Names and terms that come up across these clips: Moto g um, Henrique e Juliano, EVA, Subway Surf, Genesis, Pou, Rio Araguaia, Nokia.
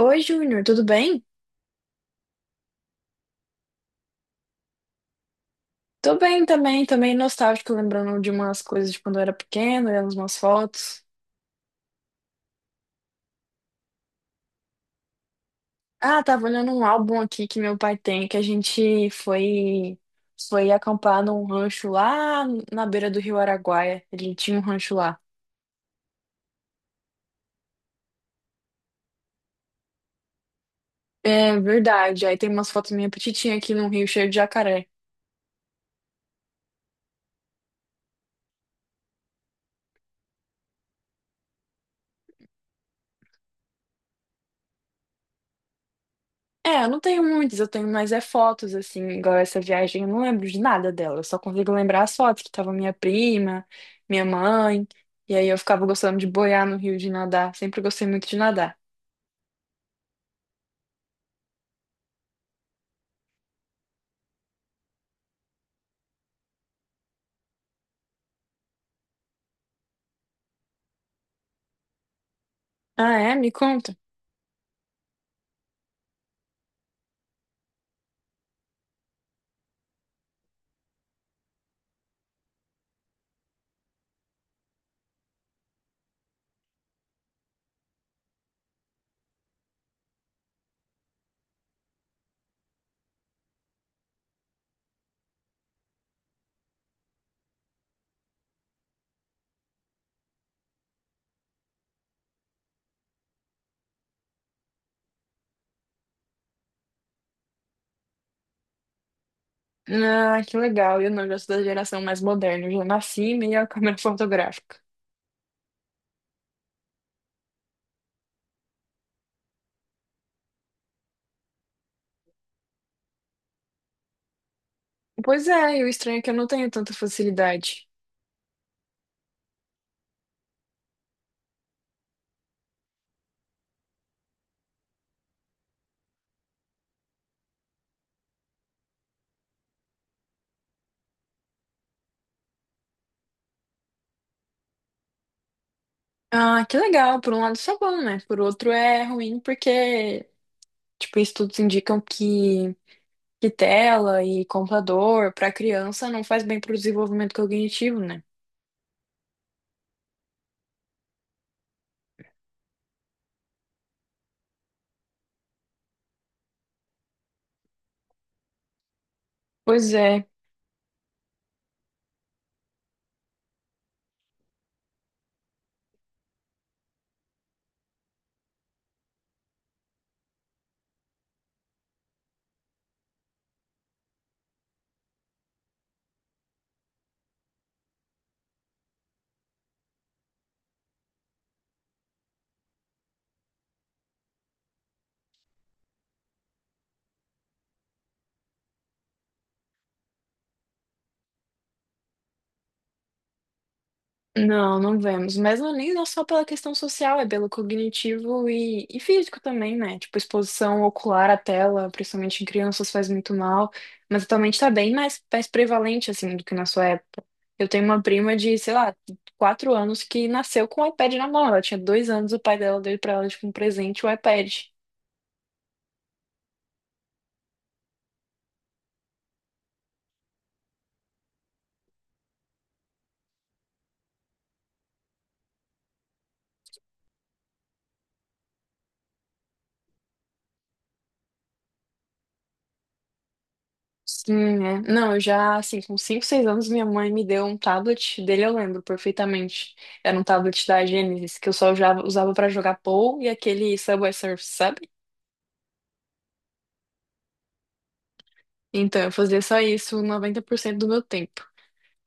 Oi, Júnior, tudo bem? Tô bem também, também nostálgico, lembrando de umas coisas de quando eu era pequeno, olhando umas fotos. Ah, tava olhando um álbum aqui que meu pai tem, que a gente foi acampar num rancho lá na beira do Rio Araguaia. Ele tinha um rancho lá. É verdade, aí tem umas fotos minha petitinha aqui num rio cheio de jacaré. É, eu não tenho muitas, eu tenho mais é fotos, assim, igual essa viagem, eu não lembro de nada dela, eu só consigo lembrar as fotos, que tava minha prima, minha mãe, e aí eu ficava gostando de boiar no rio, de nadar, sempre gostei muito de nadar. Ah, é? Me conta. Ah, que legal, eu não, eu já sou da geração mais moderna, eu já nasci meio a câmera fotográfica. Pois é, e o estranho é que eu não tenho tanta facilidade. Ah, que legal, por um lado isso é bom, né? Por outro é ruim, porque, tipo, estudos indicam que tela e computador para criança não faz bem para o desenvolvimento cognitivo, né? Pois é, não, não vemos. Mas não, é nem não só pela questão social, é pelo cognitivo e físico também, né? Tipo, exposição ocular à tela, principalmente em crianças, faz muito mal. Mas atualmente tá bem mais prevalente, assim, do que na sua época. Eu tenho uma prima de, sei lá, 4 anos que nasceu com o iPad na mão. Ela tinha 2 anos, o pai dela deu pra ela, tipo, um presente, o iPad. Sim, é. Não, eu já, assim, com 5 6 anos, minha mãe me deu um tablet, dele eu lembro perfeitamente. Era um tablet da Genesis, que eu só usava para jogar Pou e aquele Subway Surf, sabe? Então, eu fazia só isso 90% do meu tempo.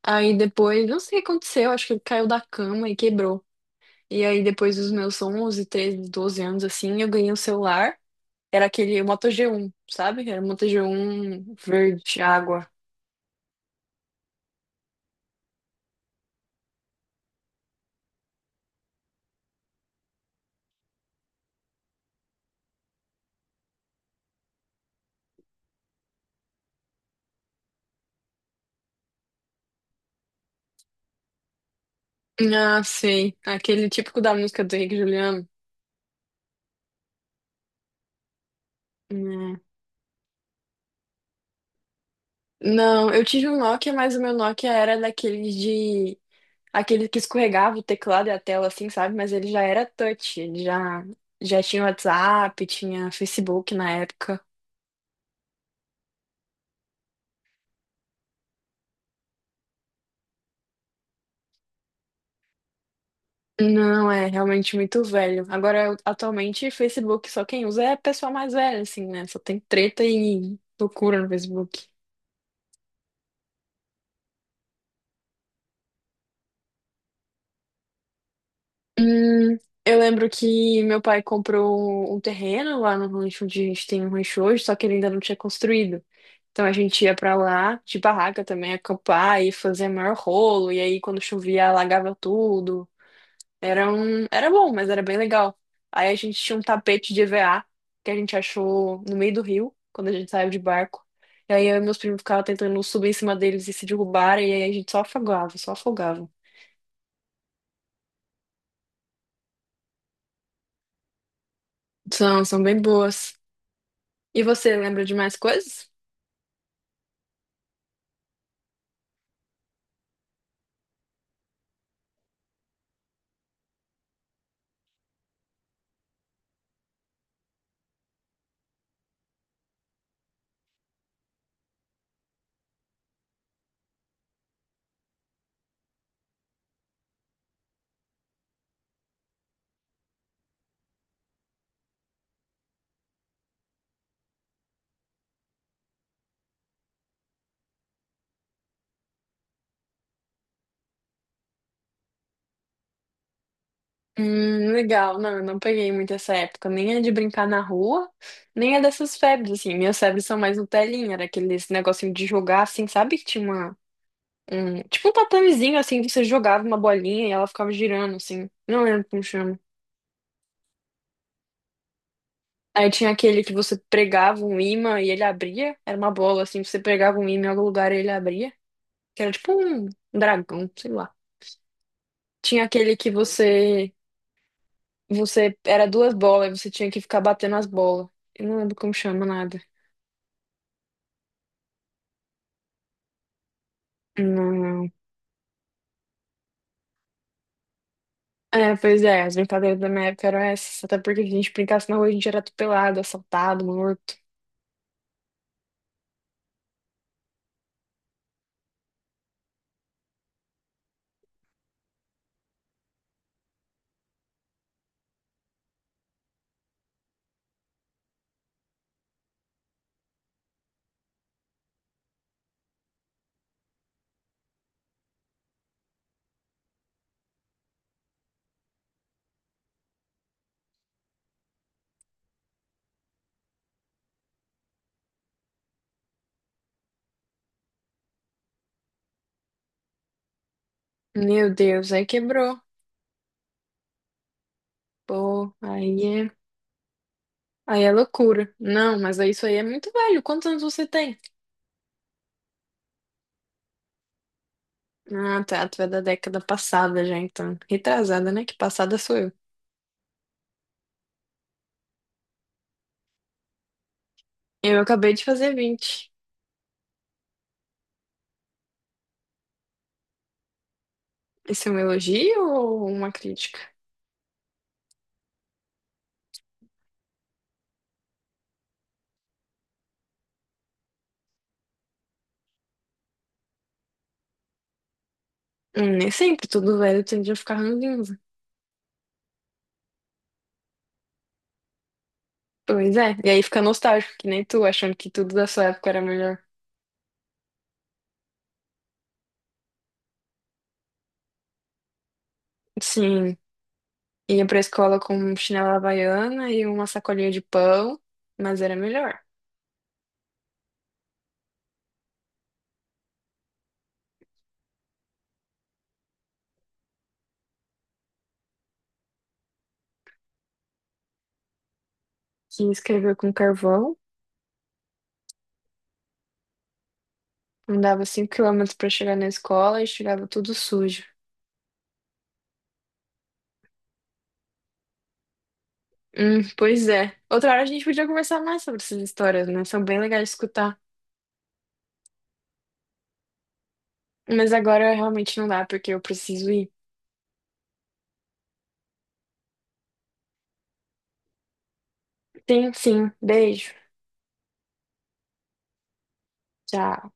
Aí depois, não sei o que aconteceu, acho que ele caiu da cama e quebrou. E aí depois dos meus 11, 13 12 anos, assim, eu ganhei um celular. Era aquele Moto g um sabe? Era um Moto g um verde, água. Ah, sei. Aquele típico da música do Henrique e Juliano. Hum. Não, eu tive um Nokia, mas o meu Nokia era daqueles de. Aquele que escorregava o teclado e a tela, assim, sabe? Mas ele já era touch, ele já tinha WhatsApp, tinha Facebook na época. Não, é realmente muito velho. Agora, atualmente, Facebook só quem usa é a pessoa mais velha, assim, né? Só tem treta e loucura no Facebook. Hum, eu lembro que meu pai comprou um terreno lá no rancho onde a gente tem um rancho hoje, só que ele ainda não tinha construído. Então a gente ia pra lá de barraca também, acampar e fazer maior rolo. E aí quando chovia, alagava tudo. Era bom, mas era bem legal. Aí a gente tinha um tapete de EVA que a gente achou no meio do rio, quando a gente saiu de barco. E aí eu e meus primos ficavam tentando subir em cima deles e se derrubar, e aí a gente só afogava, só afogava. São, são bem boas. E você lembra de mais coisas? Legal. Não, eu não peguei muito essa época. Nem é de brincar na rua, nem é dessas febres, assim. Minhas febres são mais no telinha, era aqueles negocinho de jogar, assim, sabe? Que tinha uma, um, tipo um tatamezinho, assim, que você jogava uma bolinha e ela ficava girando, assim. Não lembro como chama. Aí tinha aquele que você pregava um imã e ele abria. Era uma bola, assim, você pregava um imã em algum lugar e ele abria. Que era tipo um dragão, sei lá. Tinha aquele que você, era duas bolas e você tinha que ficar batendo as bolas. Eu não lembro como chama nada. Não. É, pois é, as brincadeiras da minha época eram essas. Até porque se a gente brincasse na rua, a gente era atropelado, assaltado, morto. Meu Deus, aí quebrou. Pô, aí é loucura. Não, mas aí isso aí é muito velho. Quantos anos você tem? Ah, tá, tu é da década passada já, então. Retrasada, né? Que passada sou eu. Eu acabei de fazer 20. Isso é um elogio ou uma crítica? Nem sempre, tudo velho tende a ficar ranzinza. Pois é, e aí fica nostálgico, que nem tu, achando que tudo da sua época era melhor. Sim, ia pra escola com chinela havaiana e uma sacolinha de pão, mas era melhor. Que escreveu com carvão, andava 5 quilômetros pra chegar na escola e chegava tudo sujo. Pois é. Outra hora a gente podia conversar mais sobre essas histórias, né? São bem legais de escutar. Mas agora realmente não dá, porque eu preciso ir. Sim, sim. Beijo. Tchau.